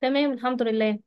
تمام، الحمد لله.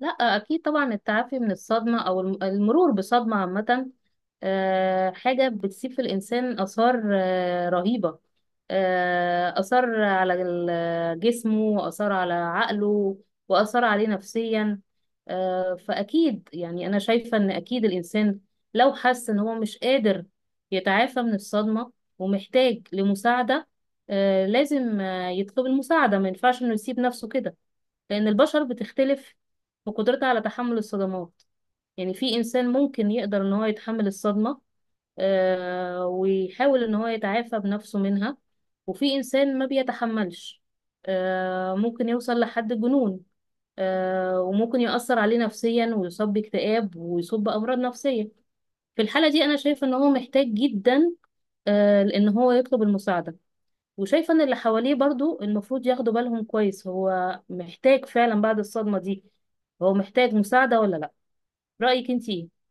لا، اكيد طبعا التعافي من الصدمه او المرور بصدمه عامه حاجه بتسيب في الانسان اثار رهيبه. اثار على جسمه، واثار على عقله، واثار عليه نفسيا. فاكيد يعني انا شايفه ان اكيد الانسان لو حس ان هو مش قادر يتعافى من الصدمه ومحتاج لمساعده، لازم يطلب المساعده. ما ينفعش انه يسيب نفسه كده، لأن البشر بتختلف في قدرتها على تحمل الصدمات. يعني في إنسان ممكن يقدر إن هو يتحمل الصدمة ويحاول إن هو يتعافى بنفسه منها، وفي إنسان ما بيتحملش. ممكن يوصل لحد الجنون، وممكن يأثر عليه نفسيا ويصاب باكتئاب ويصاب بأمراض نفسية. في الحالة دي أنا شايفة إن هو محتاج جدا إن هو يطلب المساعدة. وشايفة ان اللي حواليه برضو المفروض ياخدوا بالهم كويس، هو محتاج فعلا بعد الصدمة دي هو محتاج مساعدة ولا لا. رأيك انتي ايه؟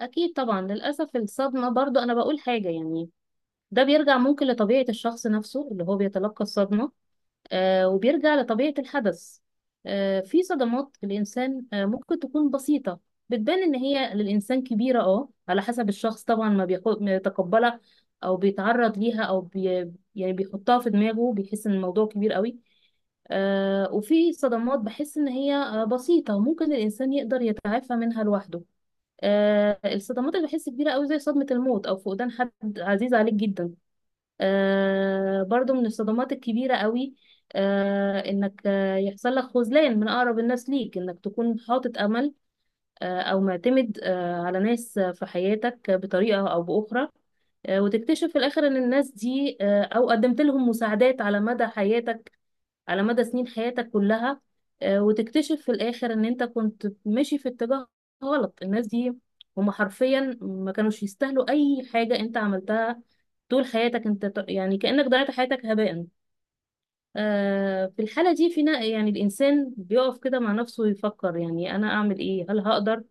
اكيد طبعا. للأسف الصدمة برضو انا بقول حاجة يعني ده بيرجع ممكن لطبيعة الشخص نفسه اللي هو بيتلقى الصدمة، وبيرجع لطبيعة الحدث. في صدمات الإنسان ممكن تكون بسيطة بتبان إن هي للإنسان كبيرة، اه على حسب الشخص طبعا ما بيتقبلها أو بيتعرض ليها أو بي يعني بيحطها في دماغه بيحس إن الموضوع كبير قوي. وفي صدمات بحس إن هي بسيطة وممكن الإنسان يقدر يتعافى منها لوحده. الصدمات اللي بحس كبيرة قوي زي صدمة الموت أو فقدان حد عزيز عليك جدا، برضو من الصدمات الكبيرة قوي انك يحصل لك خذلان من اقرب الناس ليك. انك تكون حاطط امل او معتمد على ناس في حياتك بطريقة او باخرى، وتكتشف في الاخر ان الناس دي او قدمت لهم مساعدات على مدى حياتك، على مدى سنين حياتك كلها، وتكتشف في الآخر إن أنت كنت ماشي في اتجاه غلط. الناس دي هما حرفيا ما كانوش يستاهلوا أي حاجة أنت عملتها طول حياتك. أنت يعني كأنك ضيعت حياتك هباء. في الحالة دي فينا يعني الإنسان بيقف كده مع نفسه ويفكر يعني أنا أعمل إيه؟ هل هقدر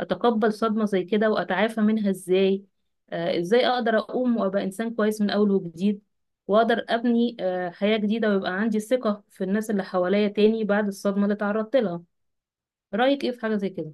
أتقبل صدمة زي كده وأتعافى منها إزاي؟ إزاي أقدر أقوم وأبقى إنسان كويس من أول وجديد، وأقدر أبني حياة جديدة ويبقى عندي ثقة في الناس اللي حواليا تاني بعد الصدمة اللي تعرضت لها؟ رأيك إيه في حاجة زي كده؟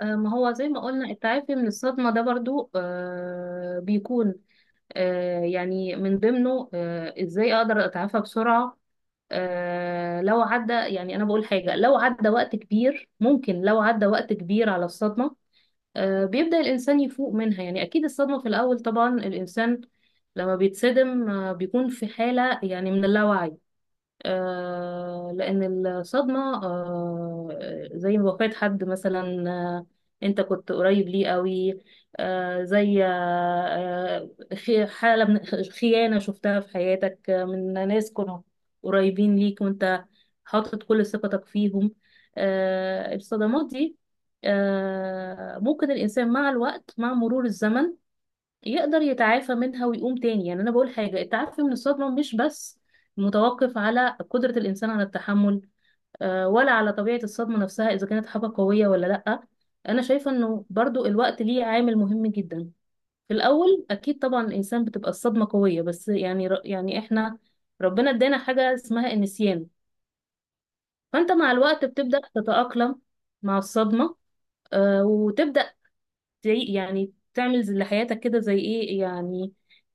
ما هو زي ما قلنا التعافي من الصدمة ده برضو بيكون يعني من ضمنه إزاي أقدر أتعافى بسرعة. لو عدى، يعني أنا بقول حاجة، لو عدى وقت كبير، ممكن لو عدى وقت كبير على الصدمة بيبدأ الإنسان يفوق منها. يعني أكيد الصدمة في الأول طبعا الإنسان لما بيتصدم بيكون في حالة يعني من اللاوعي، لأن الصدمة زي وفاة حد مثلا أنت كنت قريب ليه قوي، زي حالة من خيانة شفتها في حياتك من ناس كانوا قريبين ليك وأنت حاطط كل ثقتك فيهم. الصدمات دي ممكن الإنسان مع الوقت، مع مرور الزمن، يقدر يتعافى منها ويقوم تاني. يعني انا بقول حاجه التعافي من الصدمه مش بس متوقف على قدره الانسان على التحمل، ولا على طبيعه الصدمه نفسها اذا كانت حاجه قويه ولا لا. انا شايفه انه برضو الوقت ليه عامل مهم جدا. في الاول اكيد طبعا الانسان بتبقى الصدمه قويه، بس يعني يعني احنا ربنا ادانا حاجه اسمها النسيان. فانت مع الوقت بتبدا تتاقلم مع الصدمه، وتبدا زي يعني تعمل لحياتك كده زي ايه يعني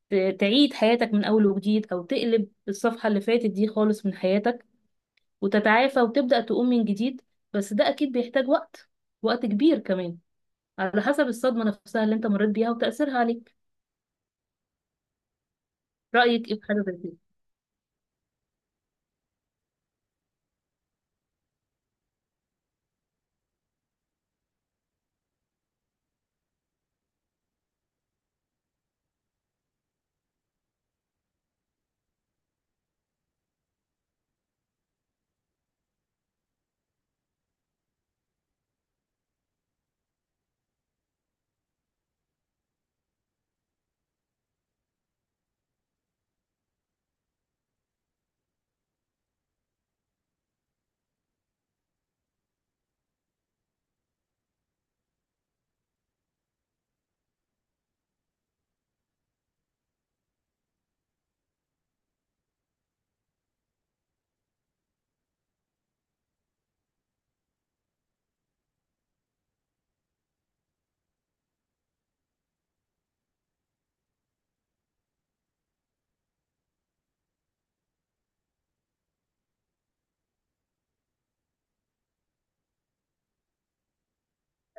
تعيد حياتك من اول وجديد، او تقلب الصفحة اللي فاتت دي خالص من حياتك، وتتعافى وتبدأ تقوم من جديد. بس ده اكيد بيحتاج وقت، وقت كبير كمان، على حسب الصدمة نفسها اللي انت مريت بيها وتأثيرها عليك. رأيك ايه في حاجة زي كده؟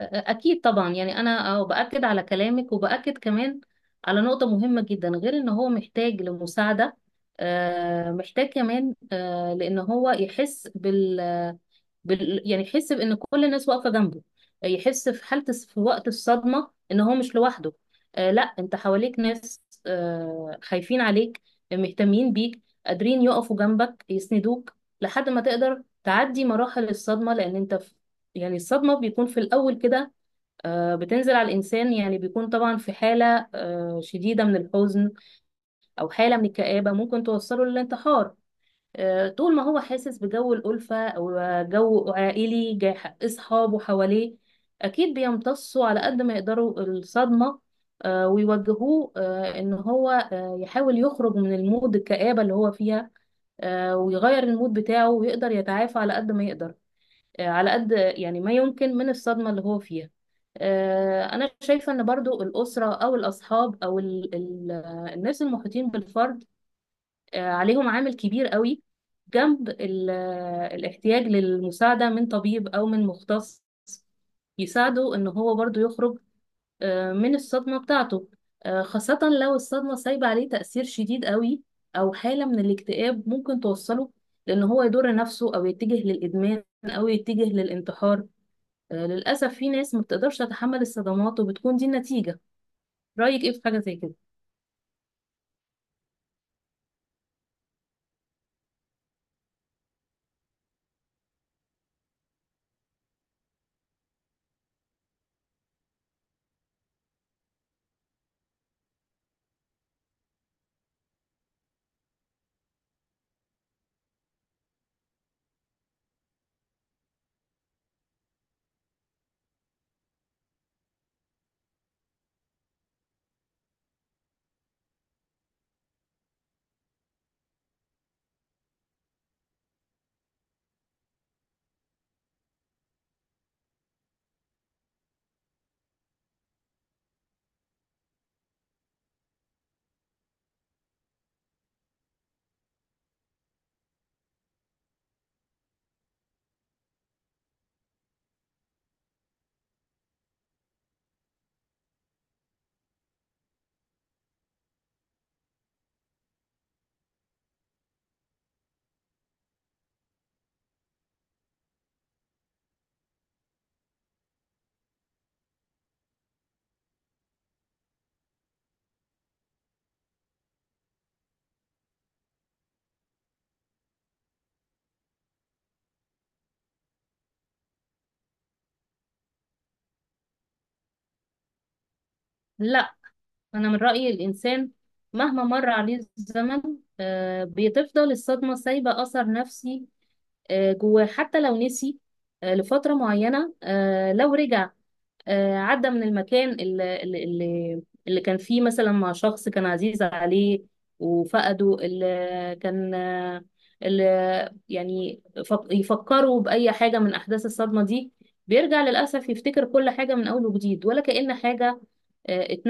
أكيد طبعا. يعني أنا أهو بأكد على كلامك وبأكد كمان على نقطة مهمة جدا، غير إن هو محتاج لمساعدة محتاج كمان لأن هو يحس يعني يحس بان كل الناس واقفه جنبه، يحس في حاله في وقت الصدمه ان هو مش لوحده. لا، انت حواليك ناس خايفين عليك، مهتمين بيك، قادرين يقفوا جنبك يسندوك لحد ما تقدر تعدي مراحل الصدمه. لان انت يعني الصدمة بيكون في الأول كده بتنزل على الإنسان، يعني بيكون طبعا في حالة شديدة من الحزن، أو حالة من الكآبة ممكن توصله للانتحار. طول ما هو حاسس بجو الألفة أو جو عائلي جاي، أصحابه حواليه، أكيد بيمتصوا على قد ما يقدروا الصدمة ويوجهوه إن هو يحاول يخرج من المود الكآبة اللي هو فيها، ويغير المود بتاعه ويقدر يتعافى على قد ما يقدر، على قد يعني ما يمكن من الصدمة اللي هو فيها. أنا شايفة إن برضو الأسرة أو الأصحاب أو ال ال الناس المحيطين بالفرد، عليهم عامل كبير قوي جنب الاحتياج للمساعدة من طبيب أو من مختص يساعده إن هو برضو يخرج من الصدمة بتاعته، خاصة لو الصدمة سايبة عليه تأثير شديد قوي أو حالة من الاكتئاب ممكن توصله لأن هو يضر نفسه أو يتجه للإدمان أو يتجه للانتحار. للأسف في ناس ما بتقدرش تتحمل الصدمات وبتكون دي النتيجة. رأيك إيه في حاجة زي كده؟ لا. أنا من رأيي الإنسان مهما مر عليه الزمن، بتفضل الصدمة سايبة أثر نفسي جواه، حتى لو نسي لفترة معينة، لو رجع عدى من المكان اللي كان فيه مثلا مع شخص كان عزيز عليه وفقده، اللي كان اللي يعني يفكروا بأي حاجة من أحداث الصدمة دي، بيرجع للأسف يفتكر كل حاجة من أول وجديد ولا كأن حاجة اتنسيت.